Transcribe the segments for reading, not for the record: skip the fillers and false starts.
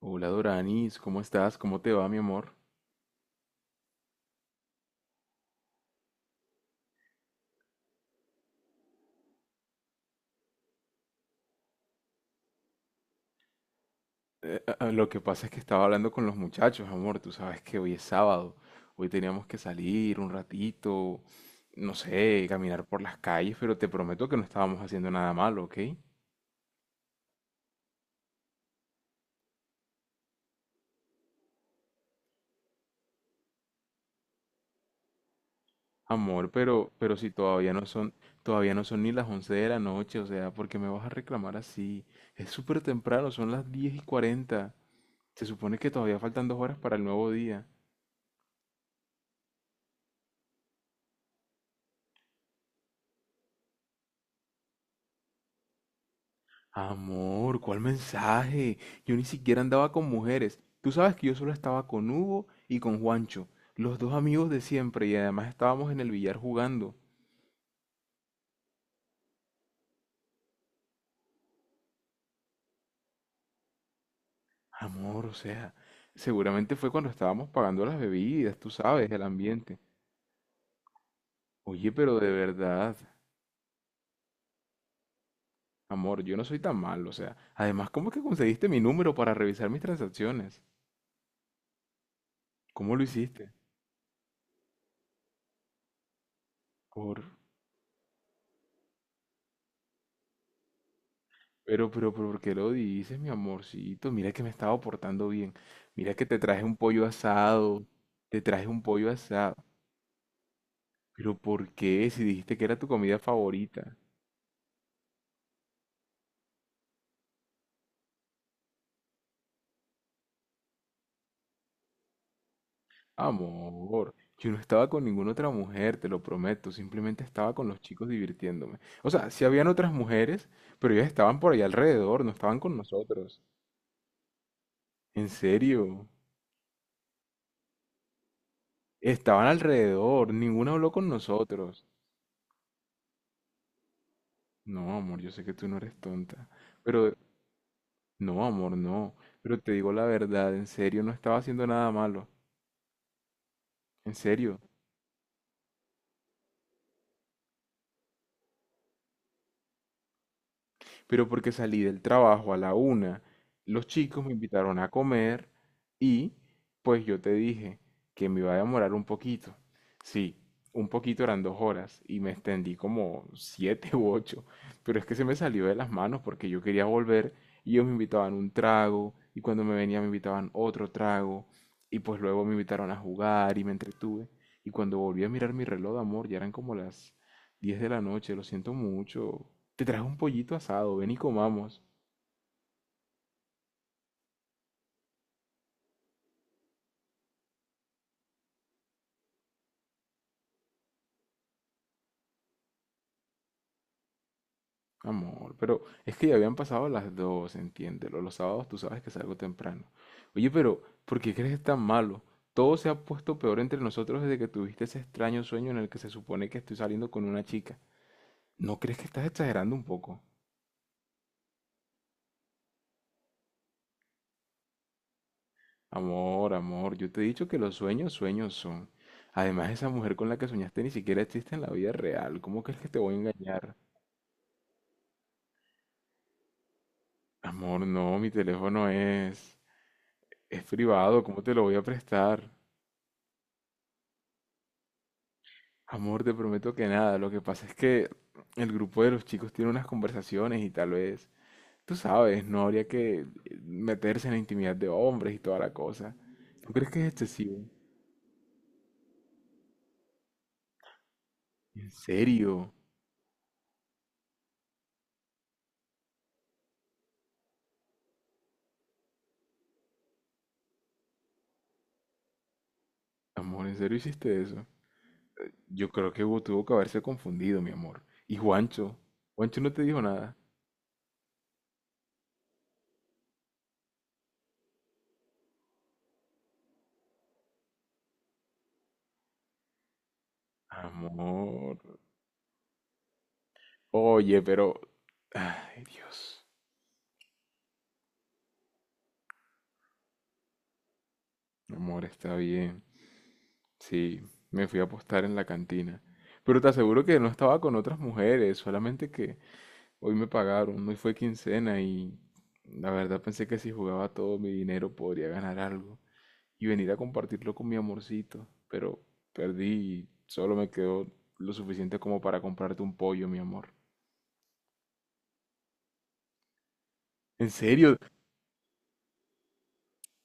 Hola Doranis, ¿cómo estás? ¿Cómo te va, mi amor? Lo que pasa es que estaba hablando con los muchachos, amor. Tú sabes que hoy es sábado. Hoy teníamos que salir un ratito, no sé, caminar por las calles, pero te prometo que no estábamos haciendo nada malo, ¿ok? Amor, pero si todavía no son ni las 11 de la noche, o sea, ¿por qué me vas a reclamar así? Es súper temprano, son las 10:40. Se supone que todavía faltan 2 horas para el nuevo día. Amor, ¿cuál mensaje? Yo ni siquiera andaba con mujeres. Tú sabes que yo solo estaba con Hugo y con Juancho, los dos amigos de siempre, y además estábamos en el billar jugando. Amor, o sea, seguramente fue cuando estábamos pagando las bebidas, tú sabes, el ambiente. Oye, pero de verdad, amor, yo no soy tan malo, o sea, además, ¿cómo es que conseguiste mi número para revisar mis transacciones? ¿Cómo lo hiciste? Por... ¿Por qué lo dices, mi amorcito? Mira que me estaba portando bien. Mira que te traje un pollo asado. Te traje un pollo asado. Pero, ¿por qué? Si dijiste que era tu comida favorita. Amor, yo no estaba con ninguna otra mujer, te lo prometo. Simplemente estaba con los chicos divirtiéndome. O sea, sí habían otras mujeres, pero ellas estaban por ahí alrededor, no estaban con nosotros. En serio, estaban alrededor, ninguna habló con nosotros. No, amor, yo sé que tú no eres tonta. Pero no, amor, no. Pero te digo la verdad, en serio, no estaba haciendo nada malo. En serio. Pero porque salí del trabajo a la una. Los chicos me invitaron a comer y pues yo te dije que me iba a demorar un poquito. Sí, un poquito eran 2 horas y me extendí como siete u ocho, pero es que se me salió de las manos porque yo quería volver y ellos me invitaban un trago y cuando me venía me invitaban otro trago y pues luego me invitaron a jugar y me entretuve y cuando volví a mirar mi reloj de amor ya eran como las 10 de la noche, lo siento mucho, te traje un pollito asado, ven y comamos. Amor, pero es que ya habían pasado las 2, entiéndelo. Los sábados tú sabes que salgo temprano. Oye, pero, ¿por qué crees que es tan malo? Todo se ha puesto peor entre nosotros desde que tuviste ese extraño sueño en el que se supone que estoy saliendo con una chica. ¿No crees que estás exagerando un poco? Amor, amor, yo te he dicho que los sueños, sueños son. Además, esa mujer con la que soñaste ni siquiera existe en la vida real. ¿Cómo crees que te voy a engañar? Amor, no, mi teléfono es... Es privado, ¿cómo te lo voy a prestar? Amor, te prometo que nada. Lo que pasa es que el grupo de los chicos tiene unas conversaciones y tal vez, tú sabes, no habría que meterse en la intimidad de hombres y toda la cosa. ¿Tú crees que es excesivo? ¿En serio? Amor, ¿en serio hiciste eso? Yo creo que Hugo tuvo que haberse confundido, mi amor. ¿Y Juancho? ¿Juancho no te dijo nada? Amor. Oye, pero... Ay, Dios. Amor, está bien. Sí, me fui a apostar en la cantina. Pero te aseguro que no estaba con otras mujeres, solamente que hoy me pagaron, hoy fue quincena y la verdad pensé que si jugaba todo mi dinero podría ganar algo y venir a compartirlo con mi amorcito, pero perdí y solo me quedó lo suficiente como para comprarte un pollo, mi amor. En serio,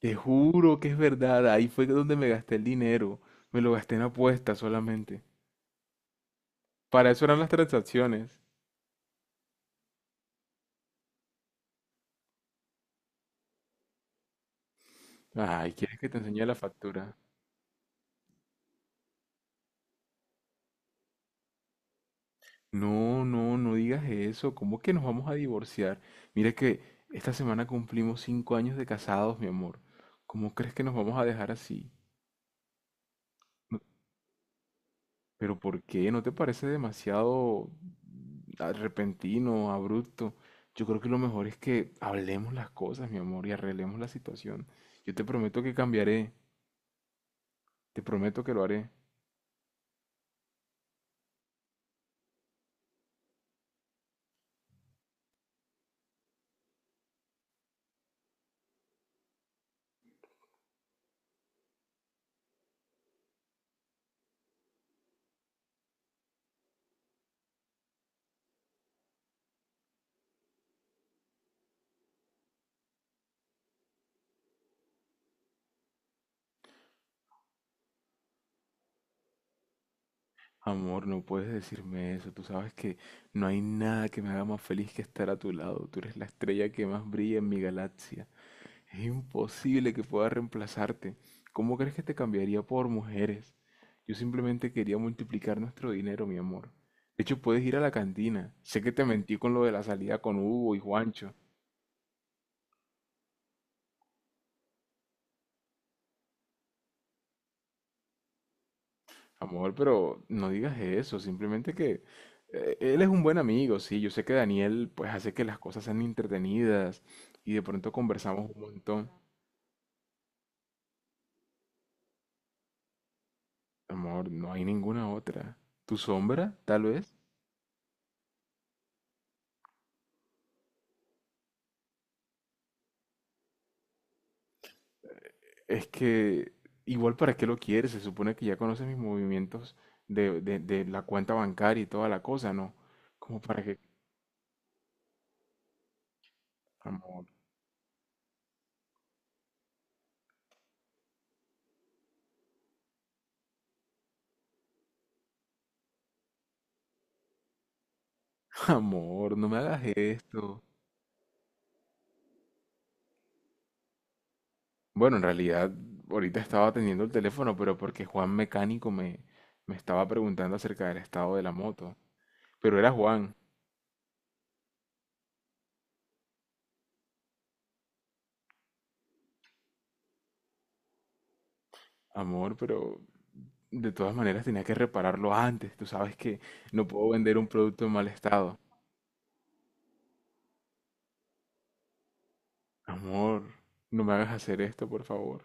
te juro que es verdad, ahí fue donde me gasté el dinero, me lo gasté en apuestas solamente. Para eso eran las transacciones. Ay, ¿quieres que te enseñe la factura? No, no, no digas eso. ¿Cómo que nos vamos a divorciar? Mira que esta semana cumplimos 5 años de casados, mi amor. ¿Cómo crees que nos vamos a dejar así? No- ¿Pero por qué? ¿No te parece demasiado repentino, abrupto? Yo creo que lo mejor es que hablemos las cosas, mi amor, y arreglemos la situación. Yo te prometo que cambiaré. Te prometo que lo haré. Amor, no puedes decirme eso. Tú sabes que no hay nada que me haga más feliz que estar a tu lado. Tú eres la estrella que más brilla en mi galaxia. Es imposible que pueda reemplazarte. ¿Cómo crees que te cambiaría por mujeres? Yo simplemente quería multiplicar nuestro dinero, mi amor. De hecho, puedes ir a la cantina. Sé que te mentí con lo de la salida con Hugo y Juancho. Amor, pero no digas eso, simplemente que él es un buen amigo, sí, yo sé que Daniel pues hace que las cosas sean entretenidas y de pronto conversamos un montón. Amor, no hay ninguna otra. ¿Tu sombra, tal vez? Es que igual para qué lo quieres, se supone que ya conoces mis movimientos de la cuenta bancaria y toda la cosa, ¿no? Como para que... Amor, amor, no me hagas esto. Bueno, en realidad ahorita estaba atendiendo el teléfono, pero porque Juan Mecánico me estaba preguntando acerca del estado de la moto. Pero era Juan, amor, pero de todas maneras tenía que repararlo antes. Tú sabes que no puedo vender un producto en mal estado. Amor, no me hagas hacer esto, por favor.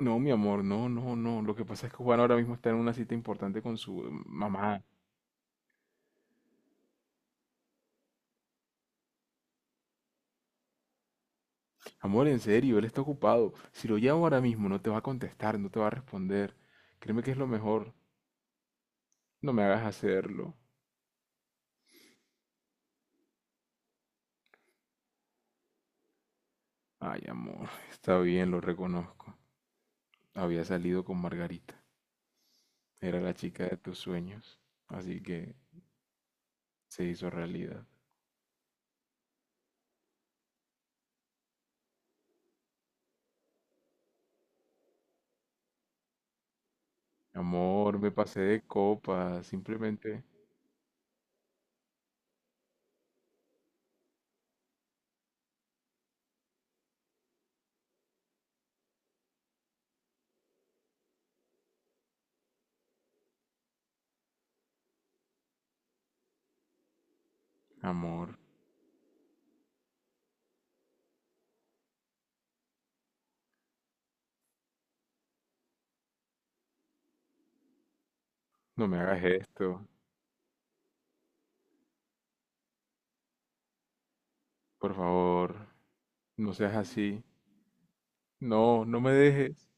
No, mi amor, no, no, no. Lo que pasa es que Juan ahora mismo está en una cita importante con su mamá. Amor, en serio, él está ocupado. Si lo llamo ahora mismo, no te va a contestar, no te va a responder. Créeme que es lo mejor. No me hagas hacerlo. Ay, amor, está bien, lo reconozco. Había salido con Margarita. Era la chica de tus sueños. Así que se hizo realidad. Amor, me pasé de copa. Simplemente, amor, no me hagas esto. Por favor, no seas así. No, no me dejes.